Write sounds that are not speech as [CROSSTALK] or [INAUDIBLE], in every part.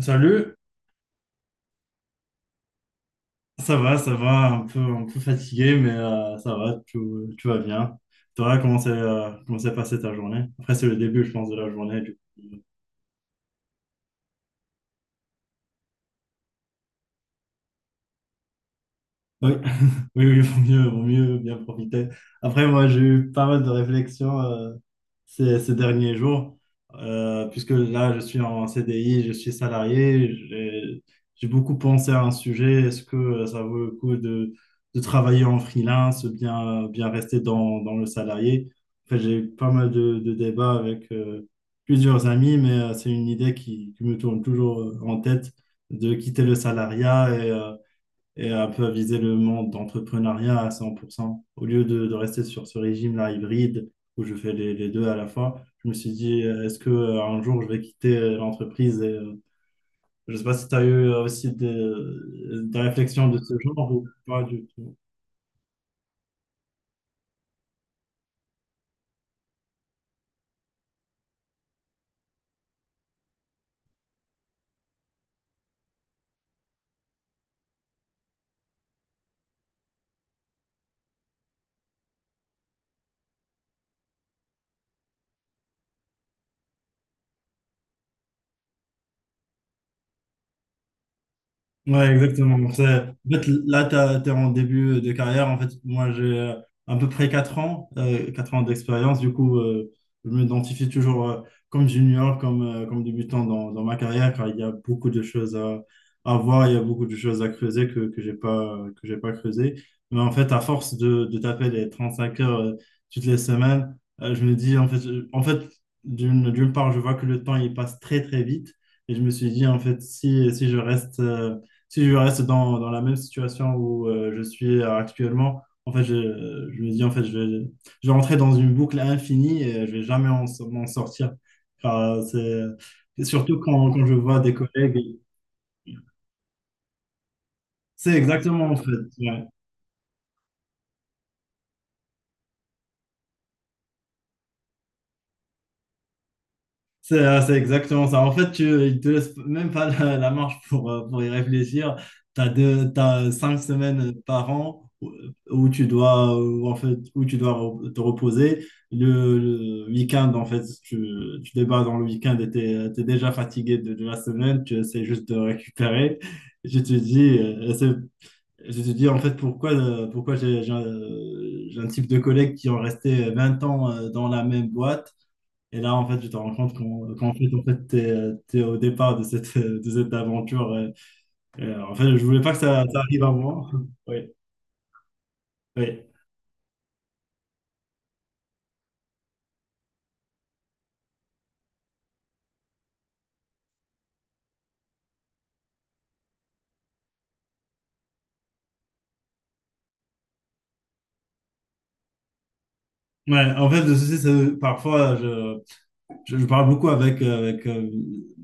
Salut, ça va, un peu fatigué, mais ça va, tout va bien. Toi, comment s'est passée ta journée? Après, c'est le début, je pense, de la journée du coup. [LAUGHS] Oui, oui, vaut mieux bien profiter. Après, moi, j'ai eu pas mal de réflexions ces derniers jours, puisque là, je suis en CDI, je suis salarié, j'ai beaucoup pensé à un sujet. Est-ce que ça vaut le coup de travailler en freelance, bien rester dans le salarié? Enfin, j'ai eu pas mal de débats avec plusieurs amis, mais c'est une idée qui me tourne toujours en tête de quitter le salariat et un peu à viser le monde d'entrepreneuriat à 100%. Au lieu de rester sur ce régime-là hybride où je fais les deux à la fois, je me suis dit, est-ce que un jour je vais quitter l'entreprise Je ne sais pas si tu as eu aussi des réflexions de ce genre ou pas du tout. Ouais, exactement. En fait, là, t'es en début de carrière. En fait, moi, j'ai à peu près 4 ans, 4 ans d'expérience. Du coup, je m'identifie toujours comme junior, comme débutant dans ma carrière, car il y a beaucoup de choses à voir, il y a beaucoup de choses à creuser que j'ai pas creusé. Mais en fait, à force de taper les 5 heures toutes les semaines, je me dis, en fait, en fait, d'une part, je vois que le temps, il passe très, très vite. Et je me suis dit, en fait, si je reste dans la même situation où je suis actuellement, en fait, je me dis, en fait, je vais rentrer dans une boucle infinie et je vais jamais m'en sortir. Car, surtout quand je vois des collègues. C'est exactement, en fait. Ouais. C'est exactement ça. En fait, ils te laissent même pas la marge pour y réfléchir. T'as cinq semaines par an où où tu dois te reposer. Le week-end, en fait, tu débats dans le week-end et tu es déjà fatigué de la semaine. Tu essaies juste de récupérer. Je te dis, euh, c'est- je te dis en fait, pourquoi j'ai un type de collègues qui ont resté 20 ans dans la même boîte et là, en fait, tu te rends compte qu'en fait, t'es au départ de cette aventure. En fait, je voulais pas que ça arrive à moi. [LAUGHS] Oui, oui. Ouais, en fait, le souci, c'est que parfois, je parle beaucoup avec, euh, avec, euh,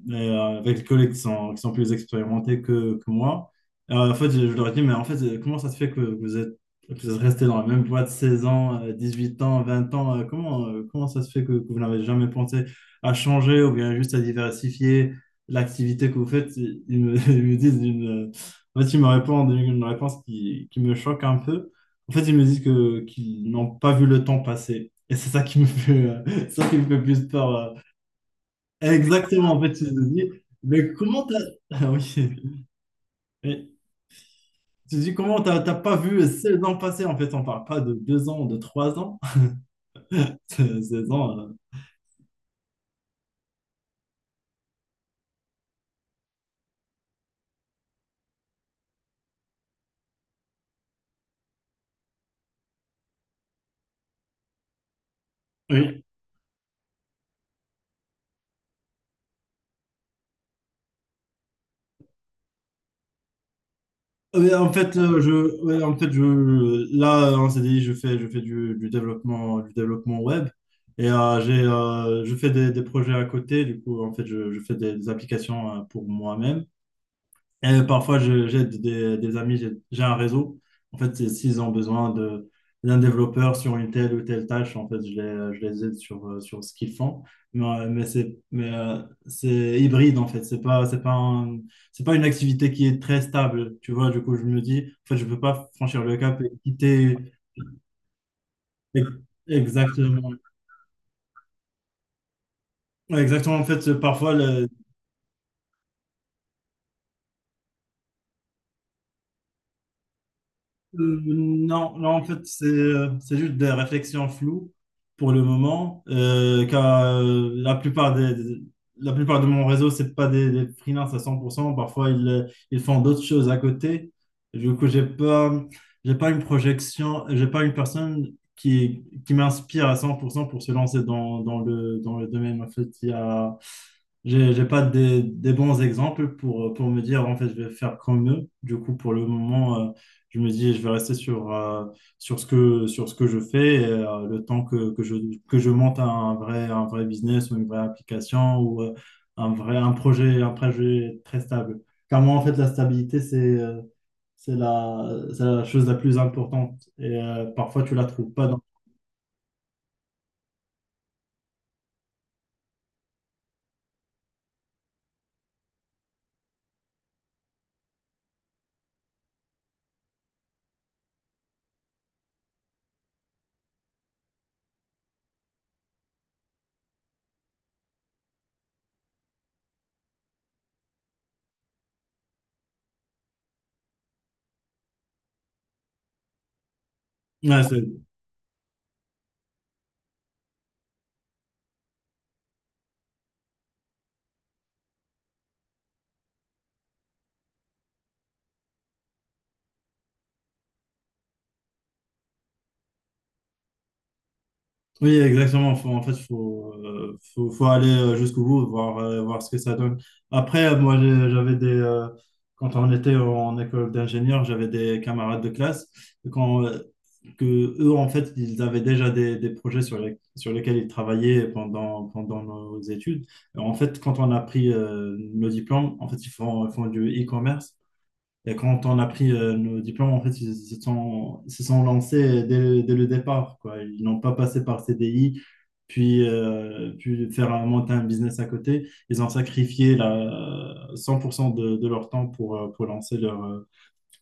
les, euh, avec les collègues qui sont plus expérimentés que moi. En fait, je leur dis, mais en fait, comment ça se fait que vous êtes resté dans la même boîte 16 ans, 8 ans, 20 ans? Comment ça se fait que vous n'avez jamais pensé à changer ou bien juste à diversifier l'activité que vous faites? [LAUGHS] Ils me répondent une réponse qui me choque un peu. En fait, ils me disent qu'ils n'ont pas vu le temps passer. Et c'est ça qui me fait, [LAUGHS] ça qui me fait plus peur. Exactement, en fait, tu te dis, mais comment t'as. [LAUGHS] Ah oui. Oui. Tu te dis, comment t'as pas vu 16 ans passer? En fait, on parle pas de 2 ans, de 3 ans. [LAUGHS] 16 ans, oui. Oui, en fait, ouais, en fait, là, on s'est dit, je fais du développement, du développement web. Et je fais des projets à côté. Du coup, en fait, je fais des applications pour moi-même. Et parfois, j'aide des amis, j'ai un réseau. En fait, s'ils ont besoin d'un développeur sur une telle ou telle tâche, en fait, je les aide sur ce qu'ils font. Mais c'est hybride, en fait. C'est pas une activité qui est très stable. Tu vois, du coup, je me dis, en fait, je peux pas franchir le cap et quitter. Exactement. Ouais, exactement, en fait, parfois, non, non, en fait, c'est juste des réflexions floues pour le moment, car la plupart de mon réseau, c'est pas des freelances à cent pour cent. Parfois, ils font d'autres choses à côté. Du coup, j'ai pas une projection, j'ai pas une personne qui m'inspire à 100% pour se lancer dans, dans le domaine. En fait, j'ai pas des bons exemples pour me dire, en fait, je vais faire comme eux. Du coup, pour le moment, je me dis, je vais rester sur ce que je fais et, le temps que je monte un vrai business ou une vraie application ou un projet très stable. Car moi, en fait, la stabilité, c'est la, c'est la chose la plus importante. Et parfois, tu la trouves pas dans. Ouais, c'est Oui, exactement. En fait, il faut aller jusqu'au bout, voir ce que ça donne. Après, moi, j'avais quand on était en école d'ingénieur, j'avais des camarades de classe quand, euh, que eux, en fait, ils avaient déjà des projets sur lesquels ils travaillaient pendant nos études. Et en fait, quand on a pris nos diplômes, en fait, ils font du e-commerce. Et quand on a pris nos diplômes, en fait, ils se sont lancés dès le départ, quoi. Ils n'ont pas passé par CDI, puis faire monter un business à côté. Ils ont sacrifié 100% de leur temps pour lancer leur, euh,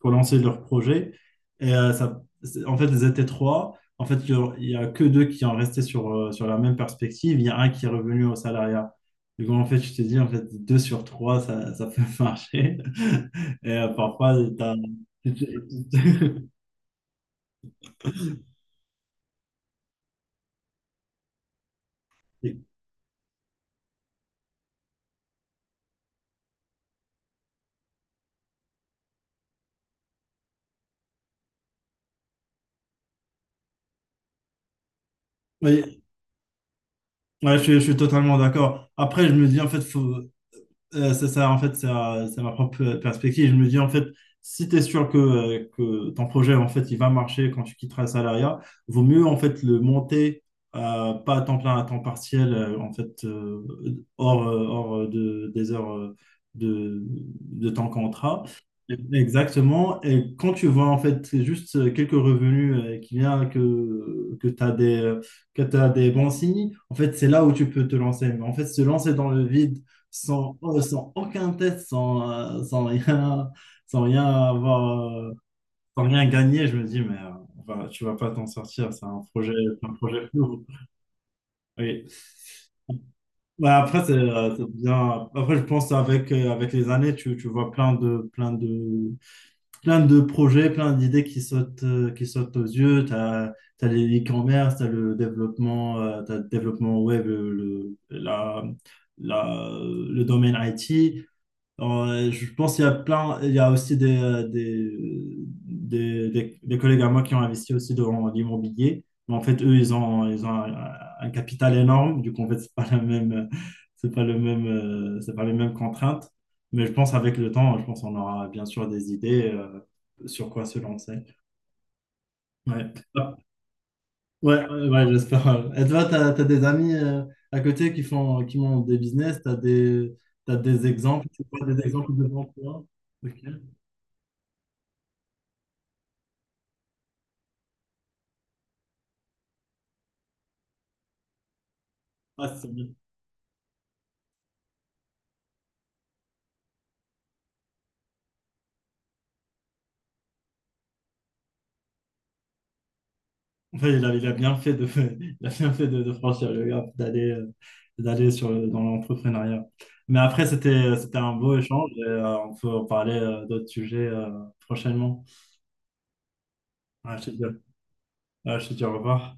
pour lancer leur projet. Et ça, en fait, ils étaient trois. En fait, il y a que deux qui en restaient sur la même perspective. Il y a un qui est revenu au salariat. Du coup, en fait, je te dis, en fait, deux sur trois, ça peut [LAUGHS] marcher. Et parfois, [LAUGHS] Ouais, ouais, je suis totalement d'accord. Après, je me dis, en fait, c'est ça, en fait, c'est ma propre perspective. Je me dis, en fait, si tu es sûr que ton projet, en fait, il va marcher quand tu quitteras le salariat, vaut mieux, en fait, le monter, pas à temps plein, à temps partiel, en fait, hors des heures de, de ton contrat. Exactement. Et quand tu vois, en fait, c'est juste quelques revenus qui viennent, que t'as des bons signes, en fait, c'est là où tu peux te lancer. Mais en fait, se lancer dans le vide, sans aucun test, euh, sans rien, sans rien avoir, sans rien gagner, je me dis, mais enfin, tu vas pas t'en sortir, c'est un projet fou. Oui. Bah, après, c'est bien. Après, je pense avec les années, tu vois plein de projets, plein d'idées qui sautent aux yeux. Tu as les e-commerce, tu as le développement, t'as le développement web, le domaine IT. Alors, je pense qu'il y a plein, il y a aussi des collègues à moi qui ont investi aussi dans l'immobilier. Mais en fait, eux, ils ont un capital énorme. Du coup, en fait, c'est pas la même, c'est pas le même, c'est pas les mêmes contraintes. Mais je pense avec le temps, je pense qu'on aura bien sûr des idées sur quoi se lancer. Ouais, ah, ouais, ouais, ouais, j'espère. Et toi, tu as des amis à côté qui ont des business, t'as des exemples, tu vois, des exemples de bons clients? Ok. Ah, c'est bien. Ouais, il a bien fait de, [LAUGHS] il a bien fait de franchir le gap, d'aller dans l'entrepreneuriat. Mais après, c'était un beau échange et on peut en parler d'autres sujets prochainement. Ah, je te dis, ah, je te dis au revoir.